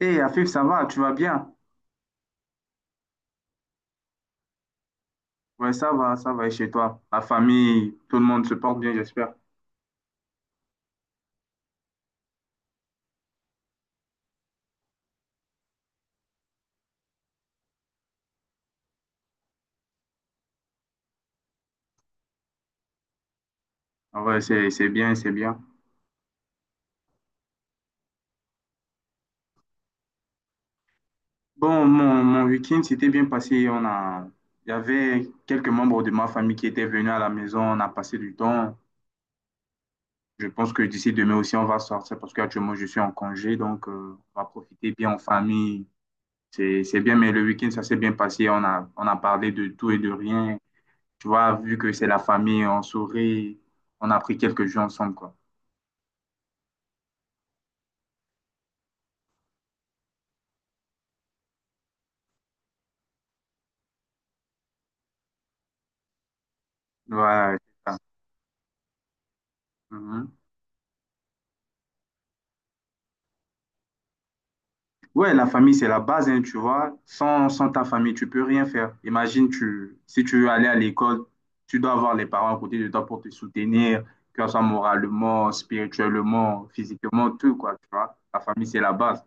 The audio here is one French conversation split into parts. Hey, Afif, ça va, tu vas bien? Ouais, ça va, et chez toi? La famille, tout le monde se porte bien, j'espère. Ah ouais, c'est bien, c'est bien. Bon, mon week-end s'était bien passé. Il y avait quelques membres de ma famille qui étaient venus à la maison. On a passé du temps. Je pense que d'ici demain aussi, on va sortir parce qu'actuellement, je suis en congé. Donc, on va profiter bien en famille. C'est bien, mais le week-end, ça s'est bien passé. On a parlé de tout et de rien. Tu vois, vu que c'est la famille, on sourit. On a pris quelques jours ensemble, quoi. Ouais, c'est ça. Mhm. Ouais, la famille, c'est la base, hein, tu vois. Sans ta famille, tu peux rien faire. Imagine, si tu veux aller à l'école, tu dois avoir les parents à côté de toi pour te soutenir, que ce soit moralement, spirituellement, physiquement, tout, quoi, tu vois. La famille, c'est la base.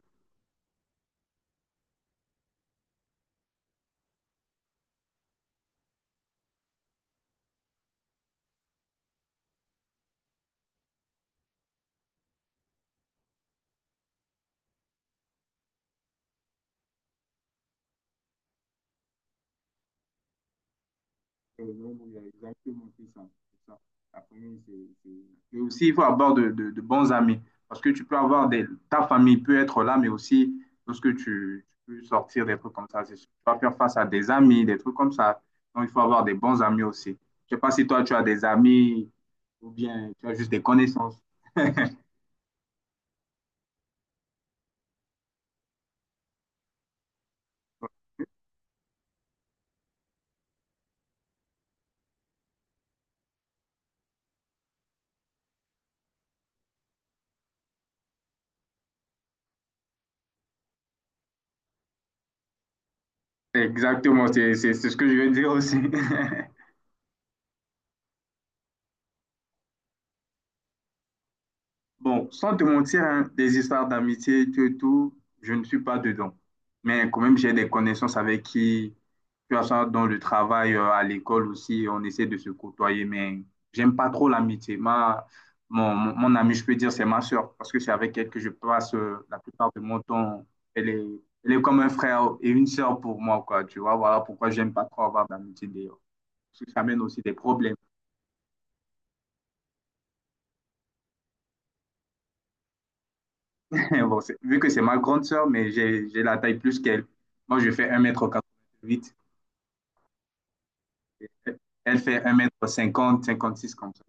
Et donc, il y a exactement ça. ça. La famille, c'est aussi, il faut avoir de bons amis. Parce que tu peux avoir des. Ta famille peut être là, mais aussi, lorsque tu peux sortir des trucs comme ça, c'est sûr. Tu vas faire face à des amis, des trucs comme ça. Donc, il faut avoir des bons amis aussi. Je ne sais pas si toi, tu as des amis ou bien tu as juste des connaissances. Exactement, c'est ce que je veux dire aussi. Bon, sans te mentir, hein, des histoires d'amitié, tout et tout, je ne suis pas dedans. Mais quand même, j'ai des connaissances avec qui, tu vois ça, dans le travail, à l'école aussi, on essaie de se côtoyer. Mais j'aime pas trop l'amitié. Mon amie, je peux dire, c'est ma sœur, parce que c'est avec elle que je passe la plupart de mon temps. Elle est, elle est comme un frère et une sœur pour moi, quoi. Tu vois, voilà pourquoi j'aime pas trop avoir d'amitié d'ailleurs. Parce que ça amène aussi des problèmes. Bon, vu que c'est ma grande sœur, mais j'ai la taille plus qu'elle. Moi, je fais 1,88 m. Elle fait 1,50 m, 56 comme ça.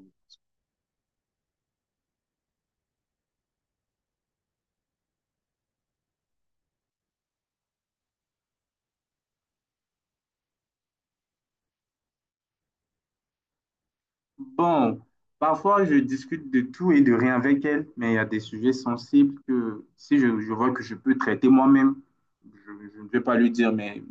Bon, parfois, je discute de tout et de rien avec elle, mais il y a des sujets sensibles que si je vois que je peux traiter moi-même, je, je ne vais pas lui dire, mais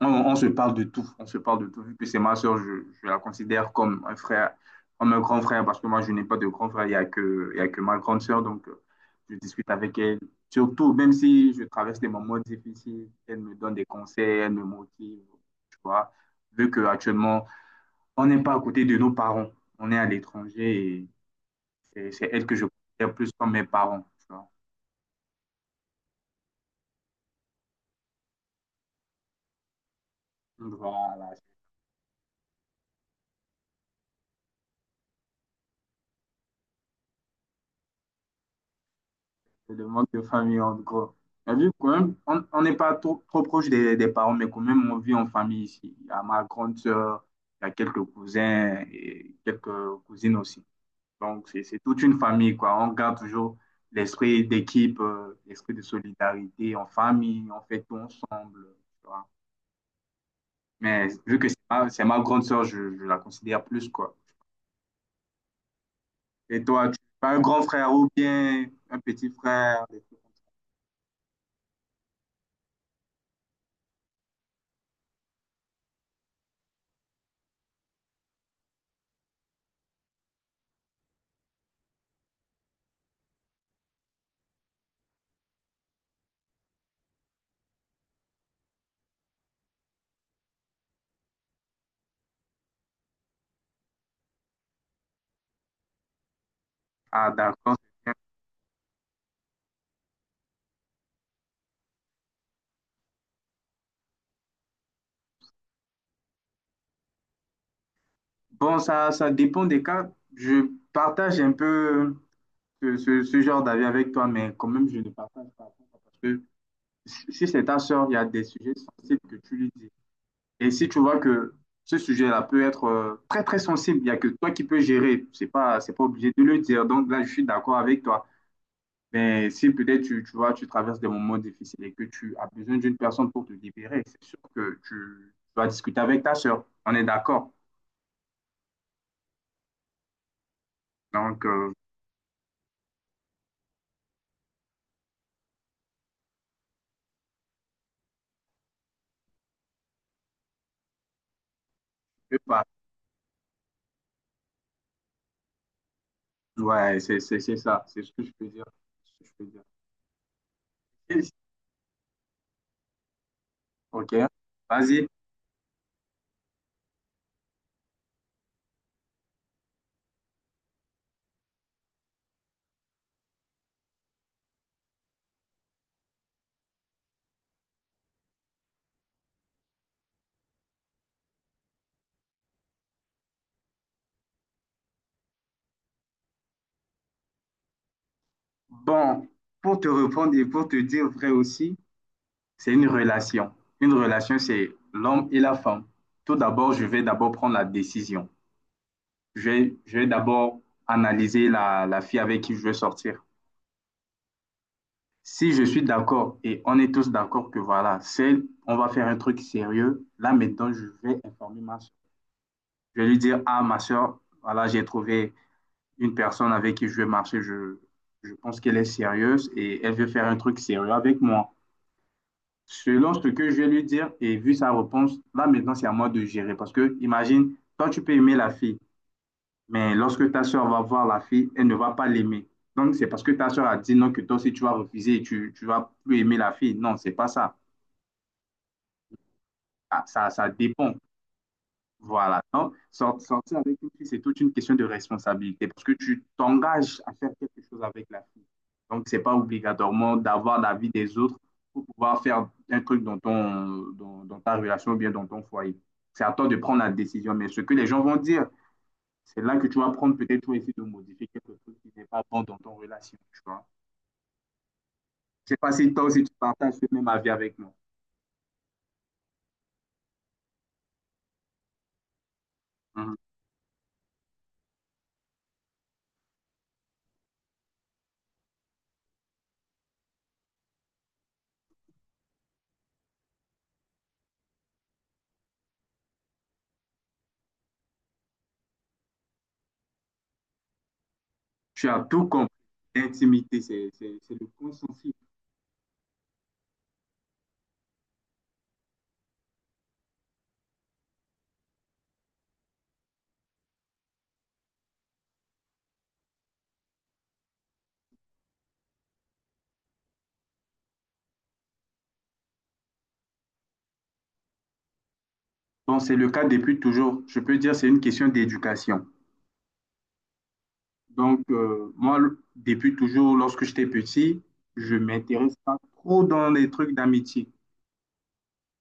on se parle de tout. On se parle de tout. Vu que c'est ma soeur, je la considère comme un frère, comme un grand frère, parce que moi, je n'ai pas de grand frère. Il y a que ma grande soeur. Donc, je discute avec elle. Surtout, même si je traverse des moments difficiles, elle me donne des conseils, elle me motive. Tu vois, vu qu'actuellement, on n'est pas à côté de nos parents. On est à l'étranger et c'est elle que je considère plus comme mes parents. Tu vois. Voilà, c'est le manque de famille, en gros. Mais vu quand même, on n'est pas trop, trop proche des parents, mais quand même, on vit en famille ici. Il y a ma grande sœur, il y a quelques cousins et quelques cousines aussi. Donc, c'est toute une famille, quoi. On garde toujours l'esprit d'équipe, l'esprit de solidarité en famille, on fait tout ensemble, tu vois. Mais vu que c'est ma grande sœur, je la considère plus, quoi. Et toi, tu as un grand frère ou bien un petit frère? Des trucs comme ça. Ah, d'accord. Bon, ça dépend des cas. Je partage un peu ce genre d'avis avec toi, mais quand même, je ne partage pas. Parce que si c'est ta sœur, il y a des sujets sensibles que tu lui dis. Et si tu vois que ce sujet-là peut être très, très sensible, il n'y a que toi qui peux gérer. C'est pas obligé de le dire. Donc là, je suis d'accord avec toi. Mais si peut-être tu vois, tu traverses des moments difficiles et que tu as besoin d'une personne pour te libérer, c'est sûr que tu dois discuter avec ta sœur. On est d'accord. Donc, je sais pas. Ouais, c'est ça, c'est ce que je peux dire. C'est ce que je peux dire. Et- Ok, vas-y. Bon, pour te répondre et pour te dire vrai aussi, c'est une relation. Une relation, c'est l'homme et la femme. Tout d'abord, je vais d'abord prendre la décision. Je vais d'abord analyser la fille avec qui je veux sortir. Si je suis d'accord et on est tous d'accord que voilà, c'est, on va faire un truc sérieux, là maintenant, je vais informer ma soeur. Je vais lui dire, ah, ma soeur, voilà, j'ai trouvé une personne avec qui je vais marcher, je pense qu'elle est sérieuse et elle veut faire un truc sérieux avec moi. Selon ce que je vais lui dire et vu sa réponse, là maintenant c'est à moi de gérer. Parce que imagine, toi tu peux aimer la fille, mais lorsque ta soeur va voir la fille, elle ne va pas l'aimer. Donc c'est parce que ta soeur a dit non que toi aussi tu vas refuser et tu vas plus aimer la fille. Non, c'est pas ça. Ah, ça dépend. Voilà. Donc, sortir avec une fille, c'est toute une question de responsabilité parce que tu t'engages à faire quelque chose avec la fille. Donc, c'est pas obligatoirement d'avoir l'avis des autres pour pouvoir faire un truc dans dans ta relation ou bien dans ton foyer. C'est à toi de prendre la décision. Mais ce que les gens vont dire, c'est là que tu vas prendre peut-être toi essayer de modifier quelque chose qui n'est pas bon dans ton relation, tu vois. Je sais pas si toi aussi tu partages ce même avis avec moi. Mhm. Tu as tout compris. L'intimité, c'est le consensus. Donc, c'est le cas depuis toujours. Je peux dire c'est une question d'éducation. Donc, moi, depuis toujours, lorsque j'étais petit, je ne m'intéresse pas trop dans les trucs d'amitié.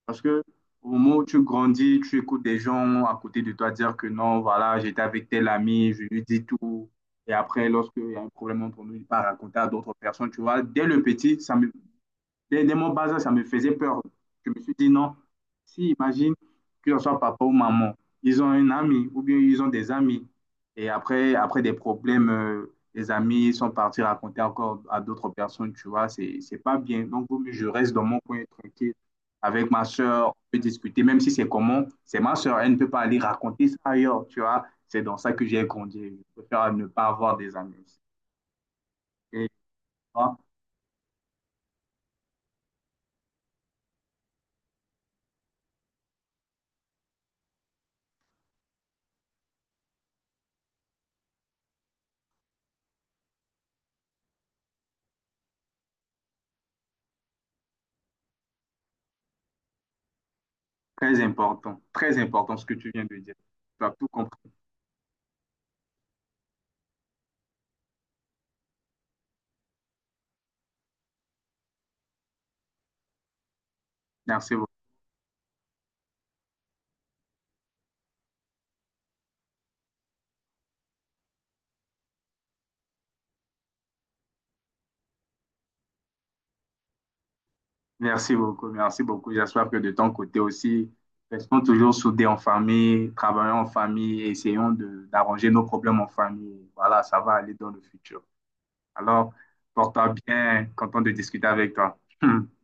Parce que au moment où tu grandis, tu écoutes des gens à côté de toi dire que non, voilà, j'étais avec tel ami, je lui dis tout. Et après, lorsqu'il y a un problème entre nous, il part raconter à d'autres personnes. Tu vois, dès le petit, dès mon bas âge, ça me faisait peur. Je me suis dit non. Si, imagine que ce soit papa ou maman, ils ont un ami ou bien ils ont des amis. Et après, après des problèmes, les amis sont partis raconter encore à d'autres personnes, tu vois, c'est pas bien. Donc, vaut mieux je reste dans mon coin tranquille avec ma soeur, on peut discuter, même si c'est comment, c'est ma soeur, elle ne peut pas aller raconter ça ailleurs, tu vois. C'est dans ça que j'ai grandi. Je préfère ne pas avoir des amis aussi. Et, tu vois, très important, très important ce que tu viens de dire. Tu as tout compris. Merci beaucoup. Merci beaucoup. Merci beaucoup. J'espère que de ton côté aussi, restons toujours soudés en famille, travaillons en famille, essayons d'arranger nos problèmes en famille. Voilà, ça va aller dans le futur. Alors, porte-toi bien, content de discuter avec toi.